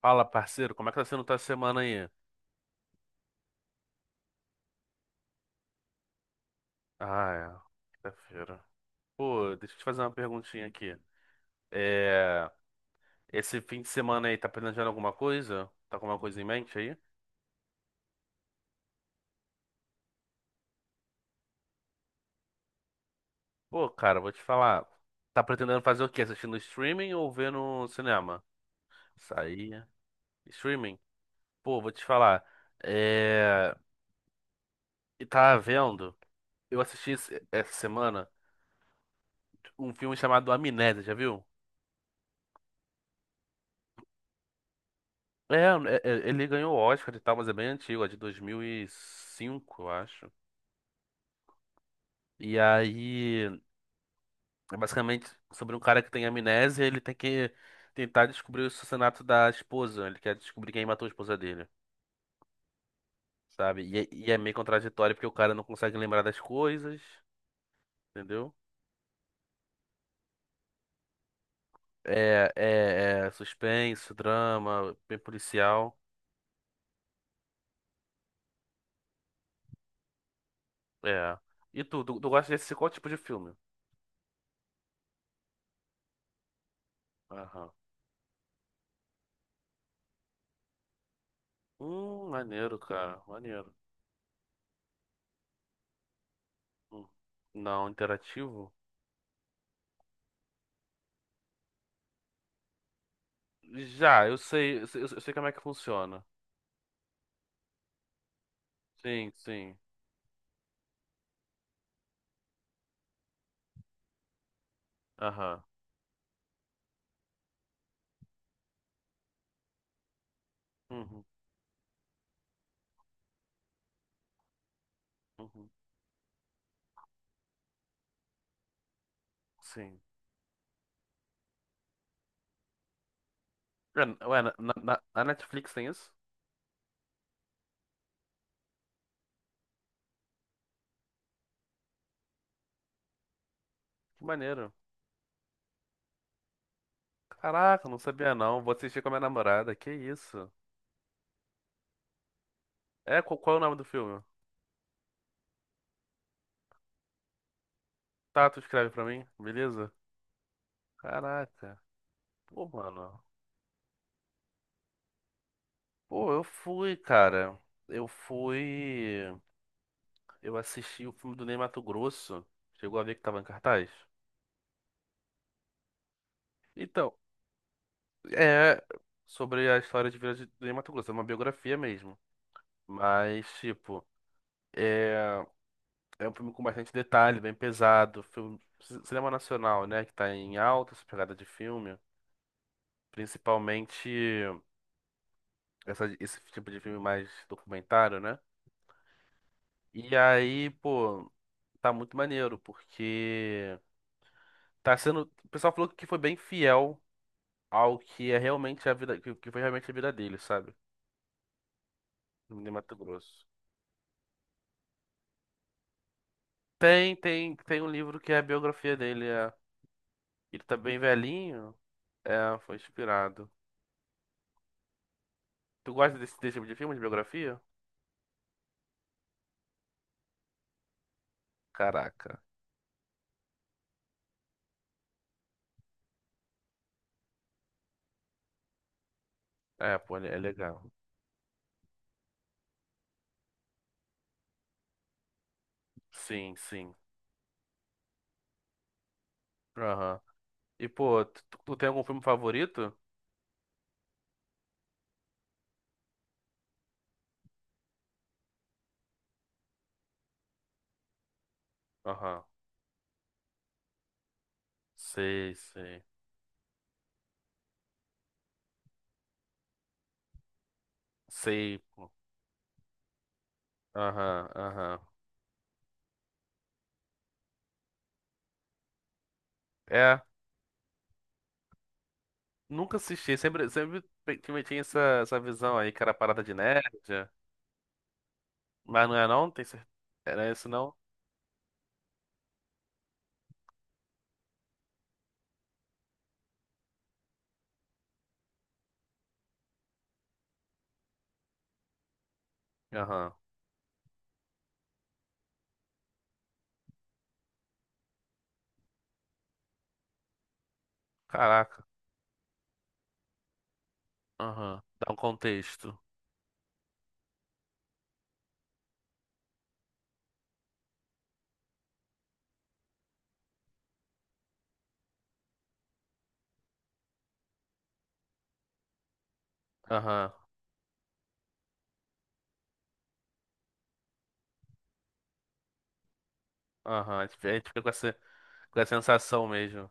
Fala, parceiro, como é que tá sendo tua semana aí? Ah, é. Quinta-feira. Pô, deixa eu te fazer uma perguntinha aqui. É. Esse fim de semana aí, tá planejando alguma coisa? Tá com alguma coisa em mente aí? Pô, cara, vou te falar. Tá pretendendo fazer o quê? Assistindo streaming ou vendo cinema? Sair. Streaming? Pô, vou te falar. É. E tá vendo? Eu assisti essa semana um filme chamado Amnésia, já viu? É, ele ganhou o Oscar e tal, mas é bem antigo, é de 2005, eu acho. E aí, é basicamente sobre um cara que tem amnésia, ele tem que tentar descobrir o assassinato da esposa. Ele quer descobrir quem matou a esposa dele, sabe? É meio contraditório porque o cara não consegue lembrar das coisas, entendeu? É suspense, drama, bem policial. É. E tu gosta desse qual tipo de filme? Aham. Maneiro, cara, maneiro. Hum. Não, interativo? Já, eu sei como é que funciona. Sim, sim. Aham. Uhum, uhum. Sim. Ué, n- ué, na, na- na Netflix tem isso? Que maneiro. Caraca, não sabia não. Vou assistir com a minha namorada. Que isso? É, qual é o nome do filme? Tá, tu escreve pra mim, beleza? Caraca. Pô, mano. Pô, eu fui, cara. Eu fui. Eu assisti o filme do Ney Matogrosso. Chegou a ver que tava em cartaz? Então, é sobre a história de Vila de Mato Grosso, é uma biografia mesmo. Mas, tipo, é, é um filme com bastante detalhe, bem pesado. Filme, cinema nacional, né? Que tá em alta essa pegada de filme. Principalmente esse tipo de filme mais documentário, né? E aí, pô, tá muito maneiro, porque tá sendo. O pessoal falou que foi bem fiel ao que é realmente a vida, que foi realmente a vida dele, sabe? De Mato Grosso. Tem um livro que é a biografia dele. É... Ele tá bem velhinho. É, foi inspirado. Tu gosta desse tipo de filme, de biografia? Caraca. É, pô, é legal. Sim, sim. Aham. E, pô, tu tem algum filme favorito? Aham. Sei, sei. Sei. Aham, aham. É, nunca assisti. Tinha essa visão aí que era parada de nerd. Mas não é não? Tem certeza? Era isso não? Aham. Caraca. Aham. Dá um contexto. Aham, aham. A gente fica com com essa sensação mesmo.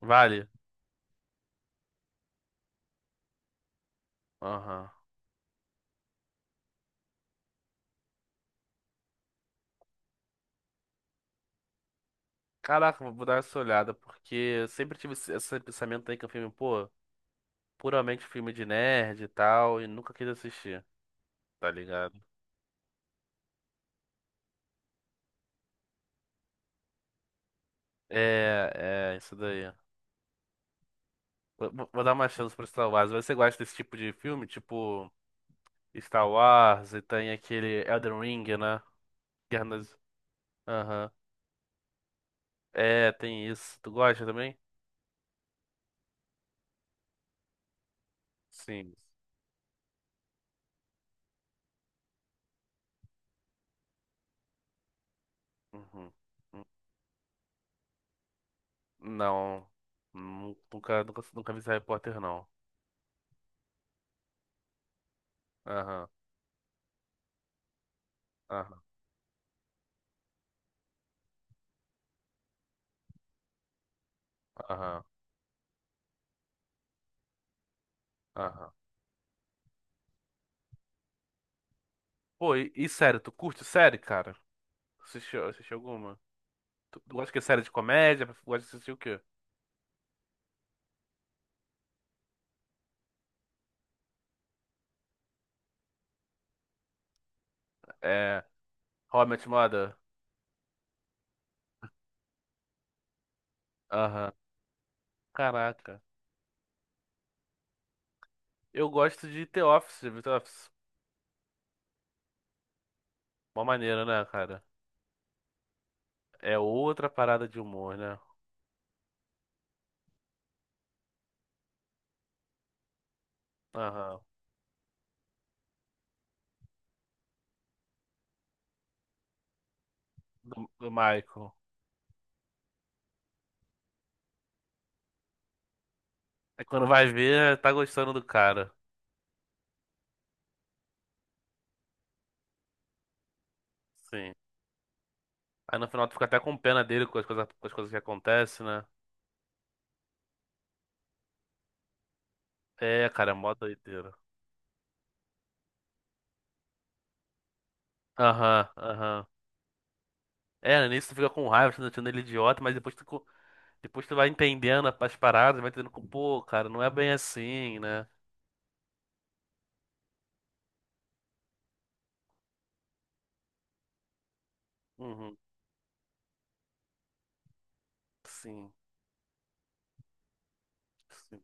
Vale? Aham. Caraca, vou dar essa olhada, porque eu sempre tive esse pensamento aí que é um filme, pô, puramente filme de nerd e tal, e nunca quis assistir, tá ligado? É, é, isso daí. Vou dar uma chance pro Star Wars. Você gosta desse tipo de filme? Tipo, Star Wars, e tem aquele Elden Ring, né? Guerra nas... Aham. É, tem isso. Tu gosta também? Sim. Uhum. Não. Nunca, nunca, nunca vi esse Harry Potter, não. Aham, aham, aham, aham. Pô, e sério, tu curte série, cara? Assistiu, assistiu alguma? Tu gosta de série de comédia? Gosta de assistir o quê? É. How I Met Your Mother? Aham. Caraca. Eu gosto de The Office, já viu The Office. Uma maneira, né, cara? É outra parada de humor, né? Aham. Do, do Michael. É quando vai ver, tá gostando do cara. Sim. Aí no final tu fica até com pena dele com as coisas que acontecem, né? É, cara, é mó doideira. Aham, aham. É, no início tu fica com raiva, tu achando ele idiota, mas depois tu, depois tu vai entendendo as paradas, vai entendendo que, pô, cara, não é bem assim, né? Uhum, sim, sim.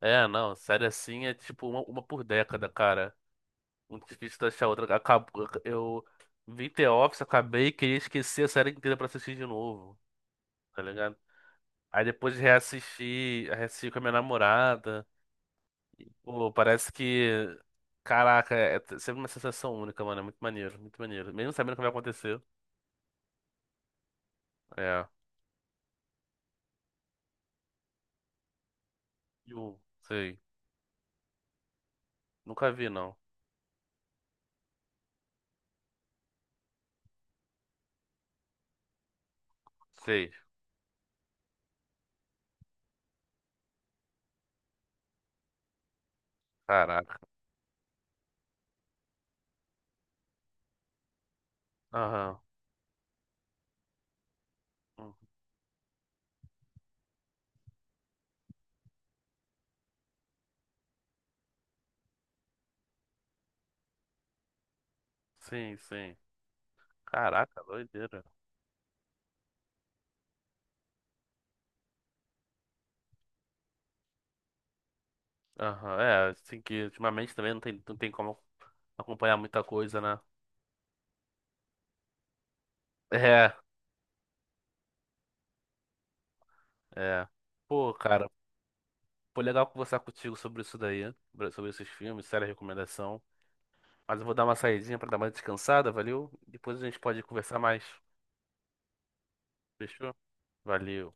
É, não, série assim é tipo uma por década, cara. Muito difícil tu achar outra. Acabou, eu vi The Office, acabei, queria esquecer a série inteira pra assistir de novo, tá ligado? Aí depois reassisti, reassisti com a minha namorada. Pô, parece que. Caraca, sempre uma sensação única, mano. É muito maneiro, muito maneiro. Mesmo sabendo o que vai acontecer. É. Eu sei. Nunca vi, não. Sei. Caraca. Aham. Uhum. Sim, sim. Caraca, doideira. Aham. É, assim que ultimamente também não tem como acompanhar muita coisa, né? É, é. Pô, cara, foi legal conversar contigo sobre isso daí, sobre esses filmes, séria recomendação. Mas eu vou dar uma saidinha pra dar uma descansada, valeu? Depois a gente pode conversar mais. Fechou? Valeu.